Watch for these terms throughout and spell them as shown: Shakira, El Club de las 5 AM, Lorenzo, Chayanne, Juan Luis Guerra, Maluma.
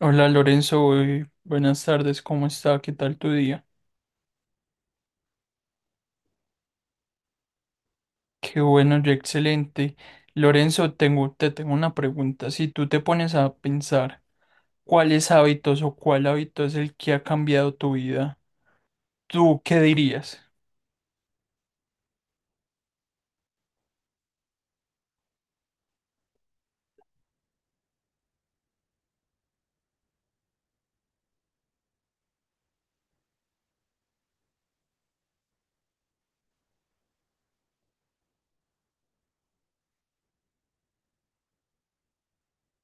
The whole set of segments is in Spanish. Hola Lorenzo, buenas tardes, ¿cómo está? ¿Qué tal tu día? Qué bueno, yo excelente. Lorenzo, te tengo una pregunta. Si tú te pones a pensar cuáles hábitos o cuál hábito es el que ha cambiado tu vida, ¿tú qué dirías?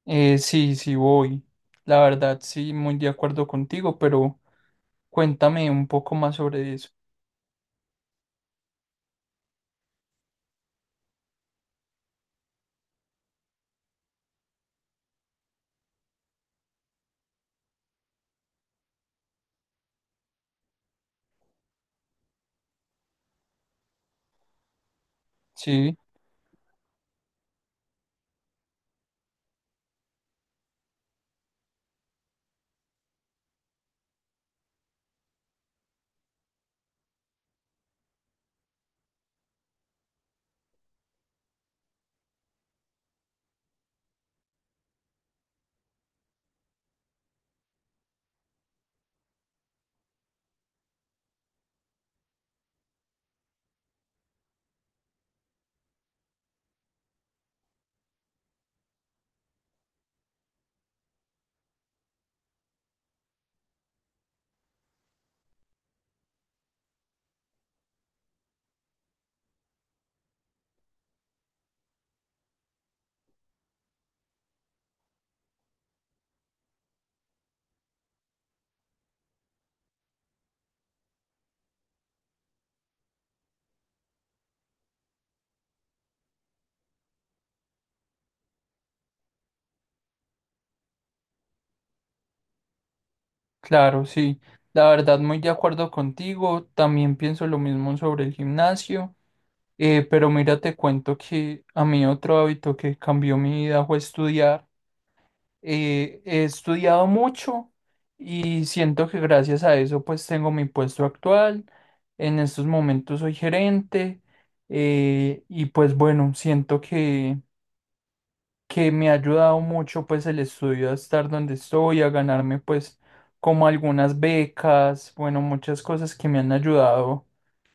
Sí, sí voy. La verdad, sí, muy de acuerdo contigo, pero cuéntame un poco más sobre eso. Sí, claro, sí. La verdad, muy de acuerdo contigo. También pienso lo mismo sobre el gimnasio. Pero mira, te cuento que a mí otro hábito que cambió mi vida fue estudiar. He estudiado mucho y siento que gracias a eso pues tengo mi puesto actual. En estos momentos soy gerente, y pues bueno, siento que me ha ayudado mucho pues el estudio a estar donde estoy, a ganarme pues como algunas becas, bueno, muchas cosas que me han ayudado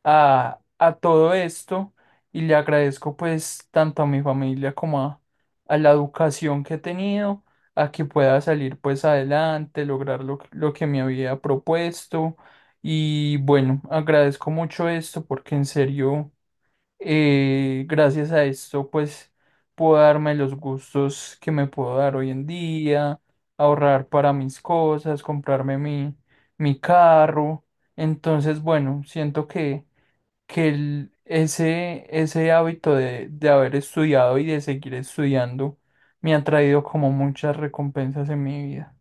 a todo esto y le agradezco pues tanto a mi familia como a la educación que he tenido, a que pueda salir pues adelante, lograr lo que me había propuesto y bueno, agradezco mucho esto porque en serio, gracias a esto, pues puedo darme los gustos que me puedo dar hoy en día, ahorrar para mis cosas, comprarme mi carro. Entonces, bueno, que ese, ese hábito de haber estudiado y de seguir estudiando me ha traído como muchas recompensas en mi vida.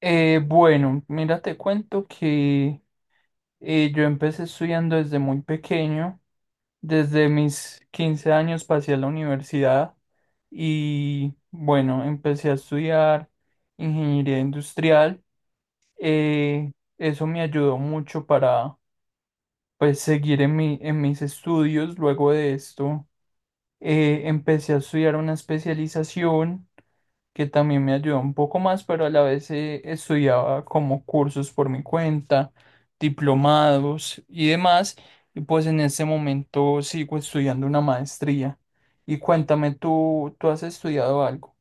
Bueno, mira, te cuento que yo empecé estudiando desde muy pequeño. Desde mis 15 años pasé a la universidad y bueno, empecé a estudiar ingeniería industrial. Eh, Eso me ayudó mucho para pues seguir en en mis estudios. Luego de esto, empecé a estudiar una especialización que también me ayudó un poco más, pero a la vez estudiaba como cursos por mi cuenta, diplomados y demás, y pues en este momento sigo estudiando una maestría. Y cuéntame, tú has estudiado algo?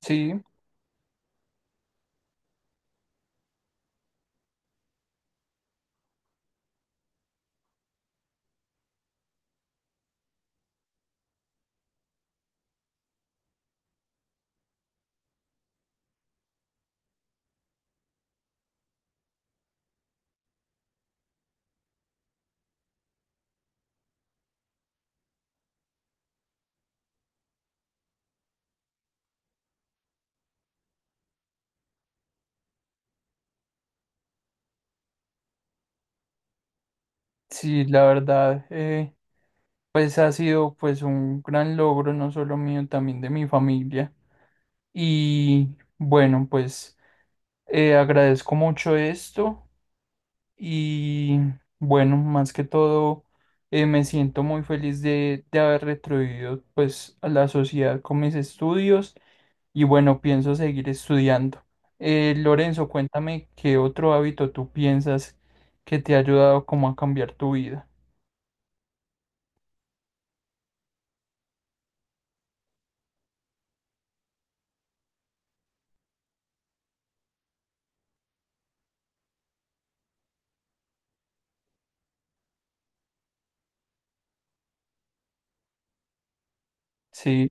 Sí, sí, la verdad, pues ha sido pues un gran logro, no solo mío, también de mi familia. Y bueno, pues agradezco mucho esto. Y bueno, más que todo, me siento muy feliz de haber retribuido pues a la sociedad con mis estudios y bueno, pienso seguir estudiando. Lorenzo, cuéntame qué otro hábito tú piensas que te ha ayudado como a cambiar tu vida. Sí.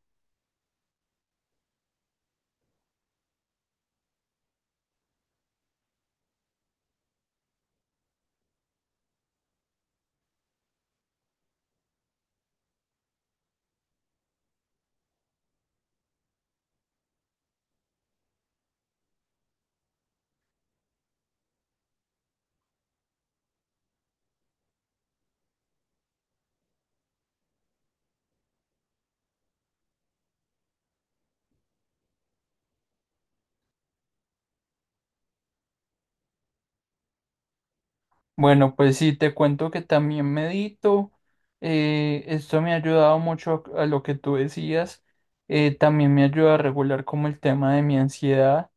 Bueno, pues sí, te cuento que también medito. Esto me ha ayudado mucho a lo que tú decías. También me ayuda a regular como el tema de mi ansiedad.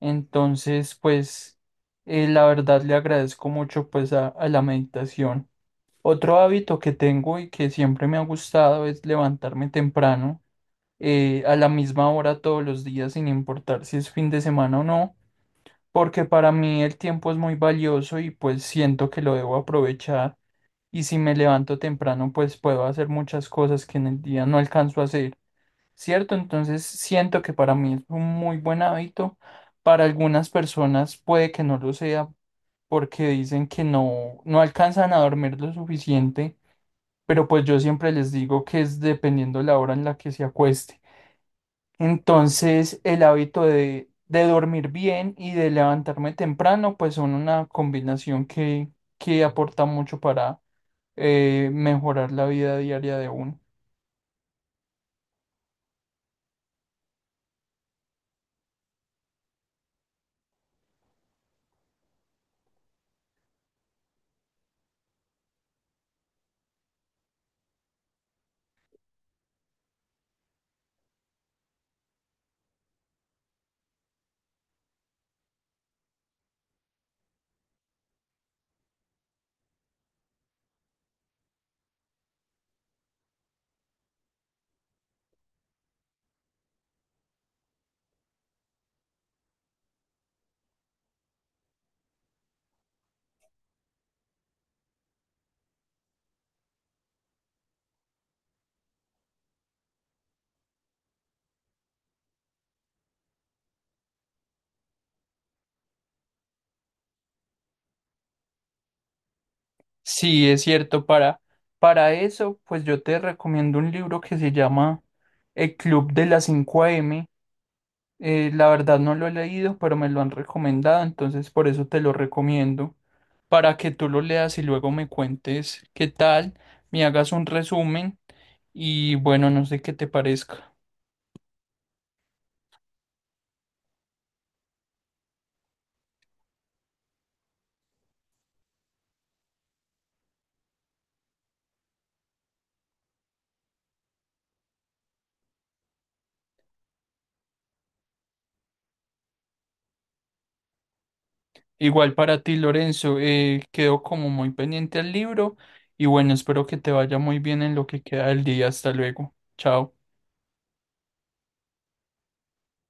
Entonces, pues la verdad le agradezco mucho pues a la meditación. Otro hábito que tengo y que siempre me ha gustado es levantarme temprano, a la misma hora todos los días, sin importar si es fin de semana o no, porque para mí el tiempo es muy valioso y pues siento que lo debo aprovechar, y si me levanto temprano pues puedo hacer muchas cosas que en el día no alcanzo a hacer, ¿cierto? Entonces siento que para mí es un muy buen hábito, para algunas personas puede que no lo sea porque dicen que no, no alcanzan a dormir lo suficiente, pero pues yo siempre les digo que es dependiendo la hora en la que se acueste. Entonces, el hábito de dormir bien y de levantarme temprano, pues son una combinación que aporta mucho para mejorar la vida diaria de uno. Sí, es cierto, para eso, pues yo te recomiendo un libro que se llama El Club de las 5 AM. La verdad no lo he leído, pero me lo han recomendado, entonces por eso te lo recomiendo, para que tú lo leas y luego me cuentes qué tal, me hagas un resumen. Y bueno, no sé qué te parezca. Igual para ti, Lorenzo, quedo como muy pendiente al libro y bueno, espero que te vaya muy bien en lo que queda del día. Hasta luego. Chao.